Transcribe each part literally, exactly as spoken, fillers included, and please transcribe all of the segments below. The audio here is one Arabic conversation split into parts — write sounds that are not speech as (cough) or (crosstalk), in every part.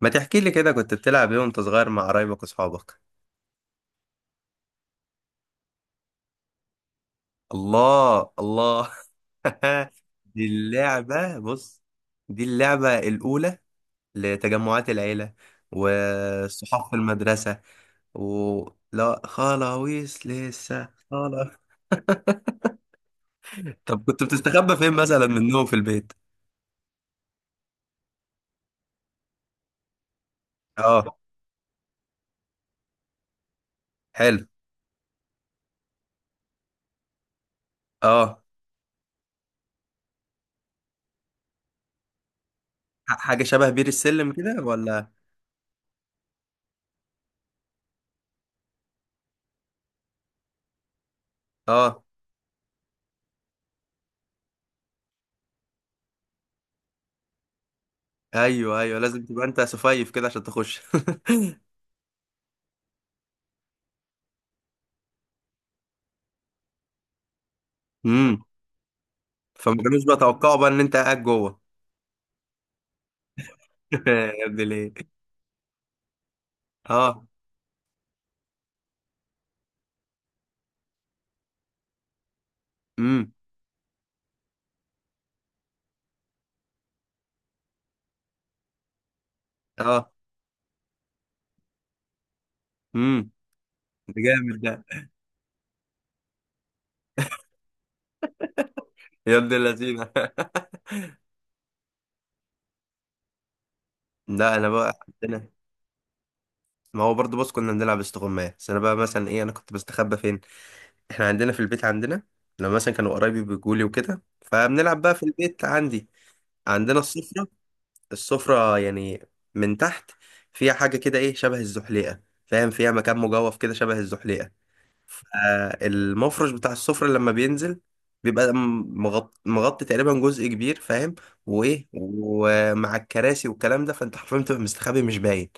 ما تحكي لي كده كنت بتلعب ايه وانت صغير مع قرايبك واصحابك؟ الله الله. (laughs) دي اللعبة، بص. دي اللعبة الأولى لتجمعات العيلة والصحاب في المدرسة. و لا خلاويص لسه خلاص. طب كنت بتستخبى فين مثلا منهم في البيت؟ اه. حلو. اه. ح- حاجة شبه بير السلم كده، ولا؟ اه. ايوه ايوه، لازم تبقى انت صفيف كده عشان تخش. (laughs) امم. فما كانوش بيتوقعوا بقى ان انت قاعد جوه. (laughs) يا ابن الايه. اه. امم. اه. امم. ده جامد ده. يا ابن اللذينه. (laughs) لا انا بقى عندنا، ما هو برضه بص، كنا بنلعب استغماية، بس انا بقى مثلا ايه، انا كنت بستخبى فين؟ احنا عندنا في البيت، عندنا لما مثلا كانوا قرايبي بيجولي وكده فبنلعب بقى في البيت عندي. عندنا السفرة السفرة يعني، من تحت فيها حاجة كده ايه شبه الزحليقة. فاهم، فيها مكان مجوف كده شبه الزحليقة. آه، المفرش بتاع السفرة لما بينزل بيبقى م- مغط... مغطي تقريبا جزء كبير، فاهم. وايه، ومع الكراسي والكلام ده فانت حرفيا بتبقى مستخبي، مش باين.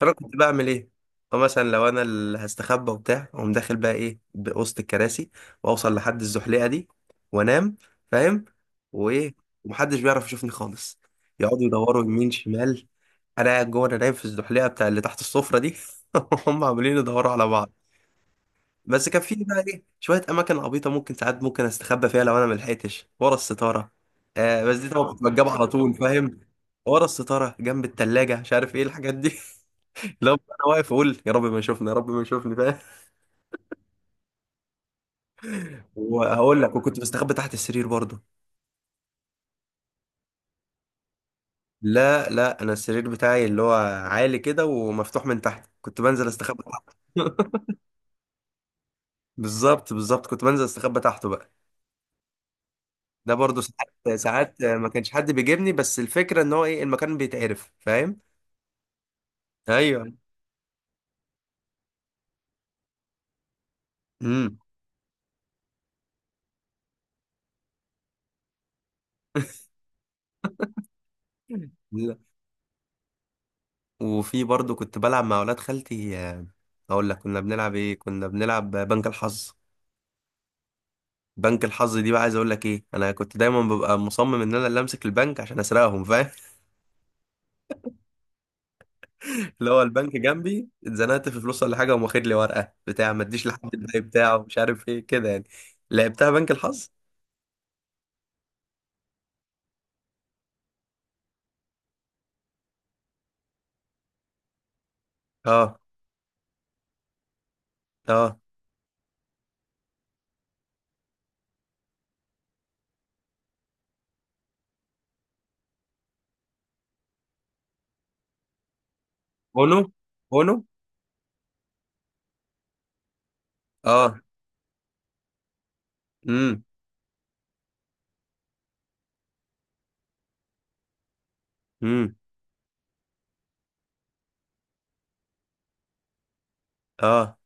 فانا كنت بعمل ايه؟ فمثلا لو انا اللي هستخبى وبتاع، اقوم داخل بقى ايه بوسط الكراسي، واوصل لحد الزحليقه دي، وانام، فاهم، وايه. ومحدش بيعرف يشوفني خالص، يقعدوا يدوروا يمين شمال، انا قاعد جوه، انا نايم في الزحليقه بتاع اللي تحت السفره دي. (laughs) هم عاملين يدوروا على بعض. بس كان في بقى ايه شويه اماكن عبيطه ممكن ساعات ممكن استخبى فيها لو انا ملحقتش ورا الستاره. آه بس دي طبعا كنت بتجاب على طول، فاهم، ورا الستاره جنب التلاجة، مش عارف ايه الحاجات دي. (laughs) لو انا واقف اقول يا رب ما يشوفني، يا رب ما يشوفني، فاهم. وهقول لك، وكنت بستخبى تحت السرير برضه. لا لا، انا السرير بتاعي اللي هو عالي كده ومفتوح من تحت، كنت بنزل استخبى تحت. (laughs) بالظبط بالظبط، كنت بنزل استخبى تحته بقى. ده برضه ساعات ساعات ما كانش حد بيجيبني، بس الفكره ان هو ايه، المكان بيتعرف، فاهم. ايوه. امم. (laughs) لا. وفي برضه كنت بلعب مع اولاد خالتي آه، اقول لك كنا بنلعب ايه. كنا بنلعب بنك الحظ. بنك الحظ دي بقى عايز اقول لك ايه، انا كنت دايما ببقى مصمم ان انا اللي امسك البنك عشان اسرقهم، فاهم. (laughs) اللي هو البنك جنبي، اتزنقت في فلوس ولا حاجه، وقام واخد لي ورقه بتاع ما تديش لحد الباقي بتاعه، مش عارف ايه كده يعني. لعبتها بنك الحظ. اه. اه. اونو. اونو. اه. امم. امم. اه.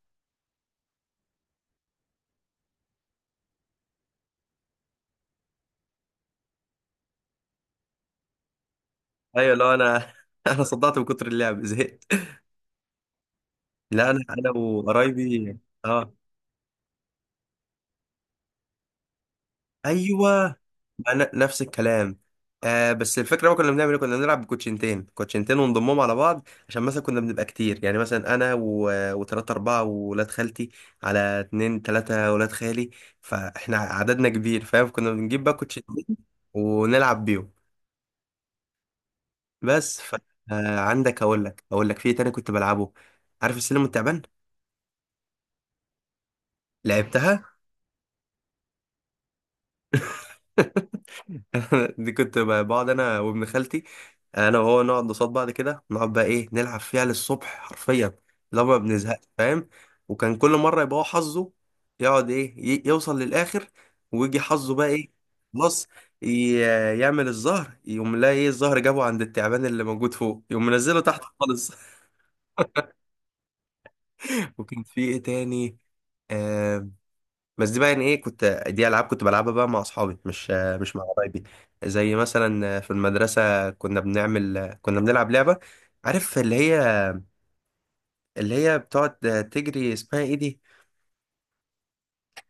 ايوه، لو انا (laughs) انا صدعت من كتر اللعب، زهقت. لا انا انا وقرايبي. اه. ايوه، انا نفس الكلام. آه بس الفكره بقى كنا بنعمل ايه، كنا بنلعب بكوتشنتين، كوتشنتين ونضمهم على بعض، عشان مثلا كنا بنبقى كتير يعني، مثلا انا و... وتلاته اربعه وولاد خالتي، على اتنين تلاته ولاد خالي، فاحنا عددنا كبير، فاهم، كنا بنجيب بقى كوتشنتين، ونلعب بيهم. بس ف... آه عندك، اقول لك اقول لك في إيه تاني كنت بلعبه؟ عارف السلم والتعبان؟ لعبتها. (laughs) (laughs) دي كنت ب- بقعد انا وابن خالتي، انا وهو نقعد قصاد بعض كده، نقعد بقى ايه نلعب فيها للصبح حرفيا، لو ما بنزهقش، فاهم. وكان كل مره يبقى هو حظه، يقعد ايه ي- يوصل للاخر، ويجي حظه بقى ايه. خلاص، ي- يعمل الزهر، يقوم لا ايه، الزهر جابه عند التعبان اللي موجود فوق، يقوم منزله تحت خالص. (laughs) وكان في ايه تاني آه، بس دي بقى يعني ايه، كنت دي العاب كنت بلعبها بقى مع اصحابي، مش مش مع قرايبي. زي مثلا في المدرسه، كنا بنعمل كنا بنلعب لعبه، عارف اللي هي، اللي هي بتقعد تجري، اسمها ايه دي؟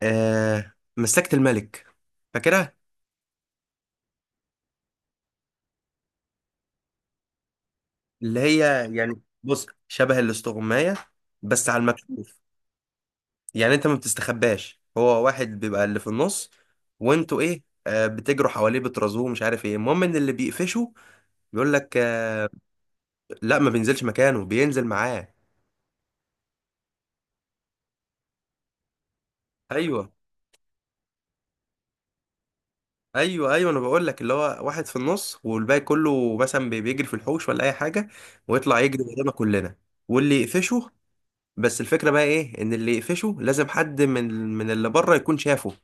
آه مسلكه الملك، فاكرها. اللي هي يعني بص شبه الاستغمايه، بس على المكشوف. يعني انت ما بتستخباش، هو واحد بيبقى اللي في النص، وانتوا ايه آه بتجروا حواليه، بترازوه، مش عارف ايه، المهم ان اللي بيقفشه بيقول لك آه، لا ما بينزلش مكانه، بينزل معاه. ايوه ايوه، ايوه انا بقول لك، اللي هو واحد في النص والباقي كله مثلا بي- بيجري في الحوش ولا اي حاجه، ويطلع يجري ورانا كلنا، واللي يقفشه. بس الفكره بقى ايه، ان اللي يقفشه لازم حد من من اللي بره يكون شافه.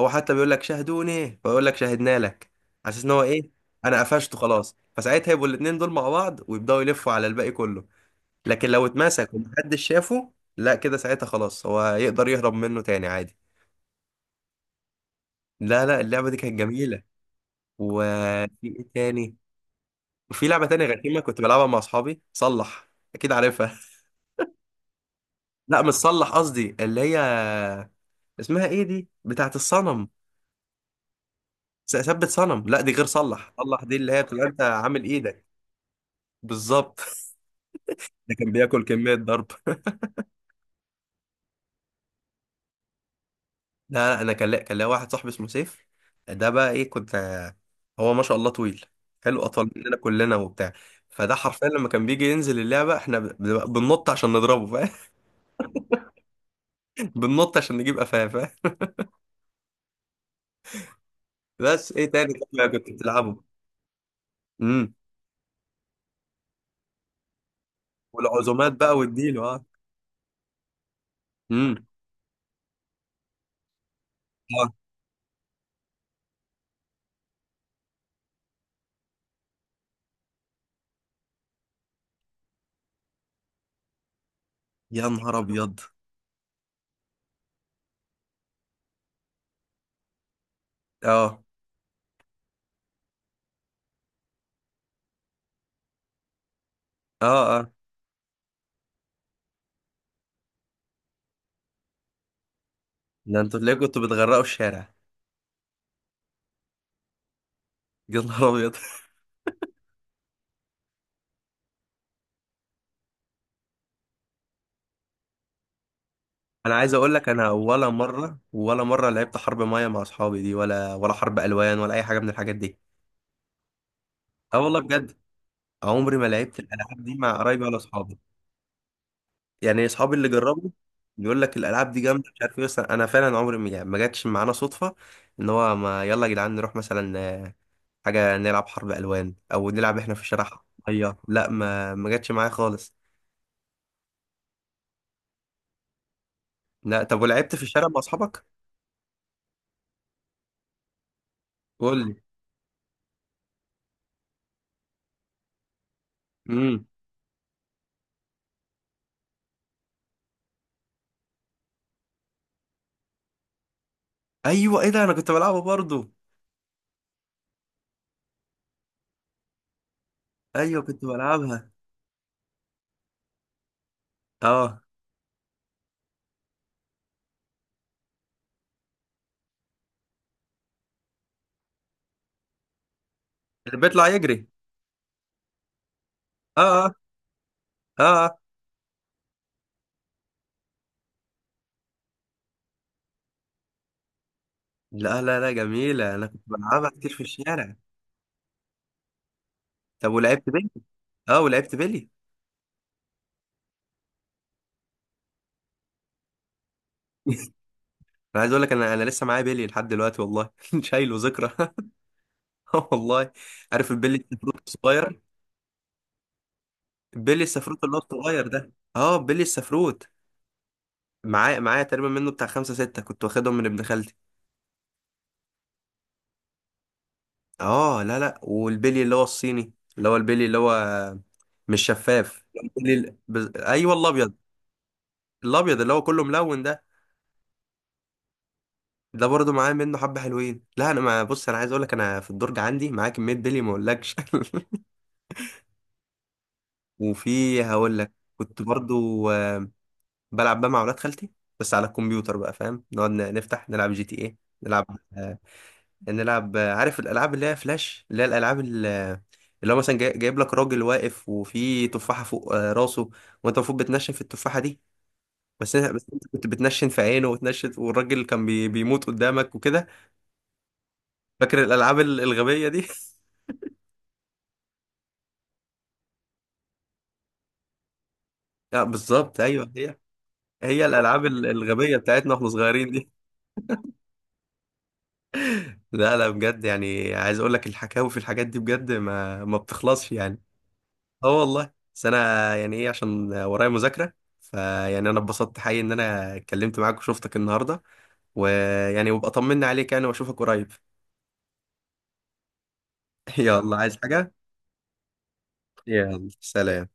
هو حتى بيقول لك شاهدوني، فيقول لك شاهدنا لك، على اساس ان هو ايه، انا قفشته خلاص، فساعتها يبقوا الاتنين دول مع بعض ويبداوا يلفوا على الباقي كله. لكن لو اتمسك ومحدش شافه، لا كده ساعتها خلاص هو يقدر يهرب منه تاني عادي. لا لا، اللعبه دي كانت جميله. وفي ايه تاني، وفي لعبة تانية غشيمة كنت بلعبها مع أصحابي، صلح، أكيد عارفها. (laughs) لا مش صلح، قصدي اللي هي، اسمها إيه دي بتاعت الصنم. س- ثبت صنم، لا دي غير صلح. صلح دي اللي هي بتبقى أنت عامل إيدك. بالظبط. (laughs) ده كان بياكل كمية ضرب. (laughs) لا لا، أنا كان ليا- كان ليا واحد صاحبي اسمه سيف، ده بقى إيه، كنت، هو ما شاء الله طويل، حلو، أطول مننا كلنا وبتاع. فده حرفيا لما كان بيجي ينزل اللعبة احنا ب- بنبقى بننط عشان نضربه، فاهم. (laughs) بننط عشان نجيب قفاه، فاهم. بس ايه تاني كنت بتلعبه؟ إمم. والعزومات بقى واديله، اه. امم. اه. يا نهار ابيض. اه. اه. اه. ده انتوا ليه كنتوا بتغرقوا الشارع؟ (laughs) يا نهار ابيض. (laughs) انا عايز اقول لك، انا ولا مره، ولا مره لعبت حرب ميه مع اصحابي دي، ولا ولا حرب الوان، ولا اي حاجه من الحاجات دي. اه والله بجد، عمري ما لعبت الالعاب دي مع قرايبي ولا اصحابي. يعني اصحابي اللي جربوا بيقول لك الالعاب دي جامده، مش عارف ايه، بس انا فعلا عمري ما يعني ما جاتش معانا صدفه ان هو، ما يلا يا جدعان نروح مثلا حاجة نلعب حرب ألوان، أو نلعب إحنا في الشارع حرب مية. لا، ما ما جاتش معايا خالص. لا طب، ولعبت في الشارع مع أصحابك؟ قول لي. امم. أيوه، إيه ده، أنا كنت بلعبها برضو. أيوه كنت بلعبها. أه. اللي بيطلع يجري. أه أه. أه آه. لا لا لا، جميلة، أنا كنت بلعبها كتير في الشارع. طب ولعبت بيلي؟ أه ولعبت بيلي. (laughs) أنا عايز أقول لك، أنا أنا لسه معايا بيلي لحد دلوقتي، والله. (laughs) شايله ذكرى. (laughs) آه والله. عارف البيلي السفروت الصغير؟ بيلي السفروت اللي هو الصغير ده، أه بيلي السفروت. معايا معايا تقريبا منه بتاع خمسة ستة، كنت واخدهم من ابن خالتي. اه. لا لا، والبلي اللي هو الصيني، اللي هو البلي اللي هو مش شفاف، البلي ال- بز... ايوه الابيض، الابيض اللي هو كله ملون ده. ده برضه معايا منه حبة حلوين. لا انا ما بص، انا عايز اقول لك انا في الدرج عندي معايا كمية بلي ما اقولكش. (laughs) وفي هقول لك، كنت برضه آه، بلعب بقى مع اولاد خالتي، بس على الكمبيوتر بقى، فاهم. نقعد ن- نفتح نلعب جي تي ايه، نلعب، نلعب، عارف الالعاب اللي هي فلاش، اللي هي الالعاب اللي، اللي هو مثلا جاي- جايب لك راجل واقف وفي تفاحه فوق آه، راسه، وانت المفروض بتنشن في التفاحه دي، بس أنا- بس انت كنت بتنشن في عينه وتنشن والراجل كان بي... بيموت قدامك وكده. فاكر الالعاب ال- الغبيه دي؟ (laughs) اه بالظبط، ايوه هي، هي الالعاب ال- الغبيه بتاعتنا واحنا صغيرين دي. لا لا بجد، يعني عايز اقول لك الحكاوي في الحاجات دي بجد ما ما بتخلصش يعني. اه والله. بس انا يعني ايه، عشان ورايا مذاكره، فيعني انا اتبسطت حقيقي ان انا اتكلمت معاك وشفتك النهارده، ويعني وابقى طمنا عليك يعني، واشوفك قريب. (laughs) يلا، عايز حاجه؟ يلا سلام.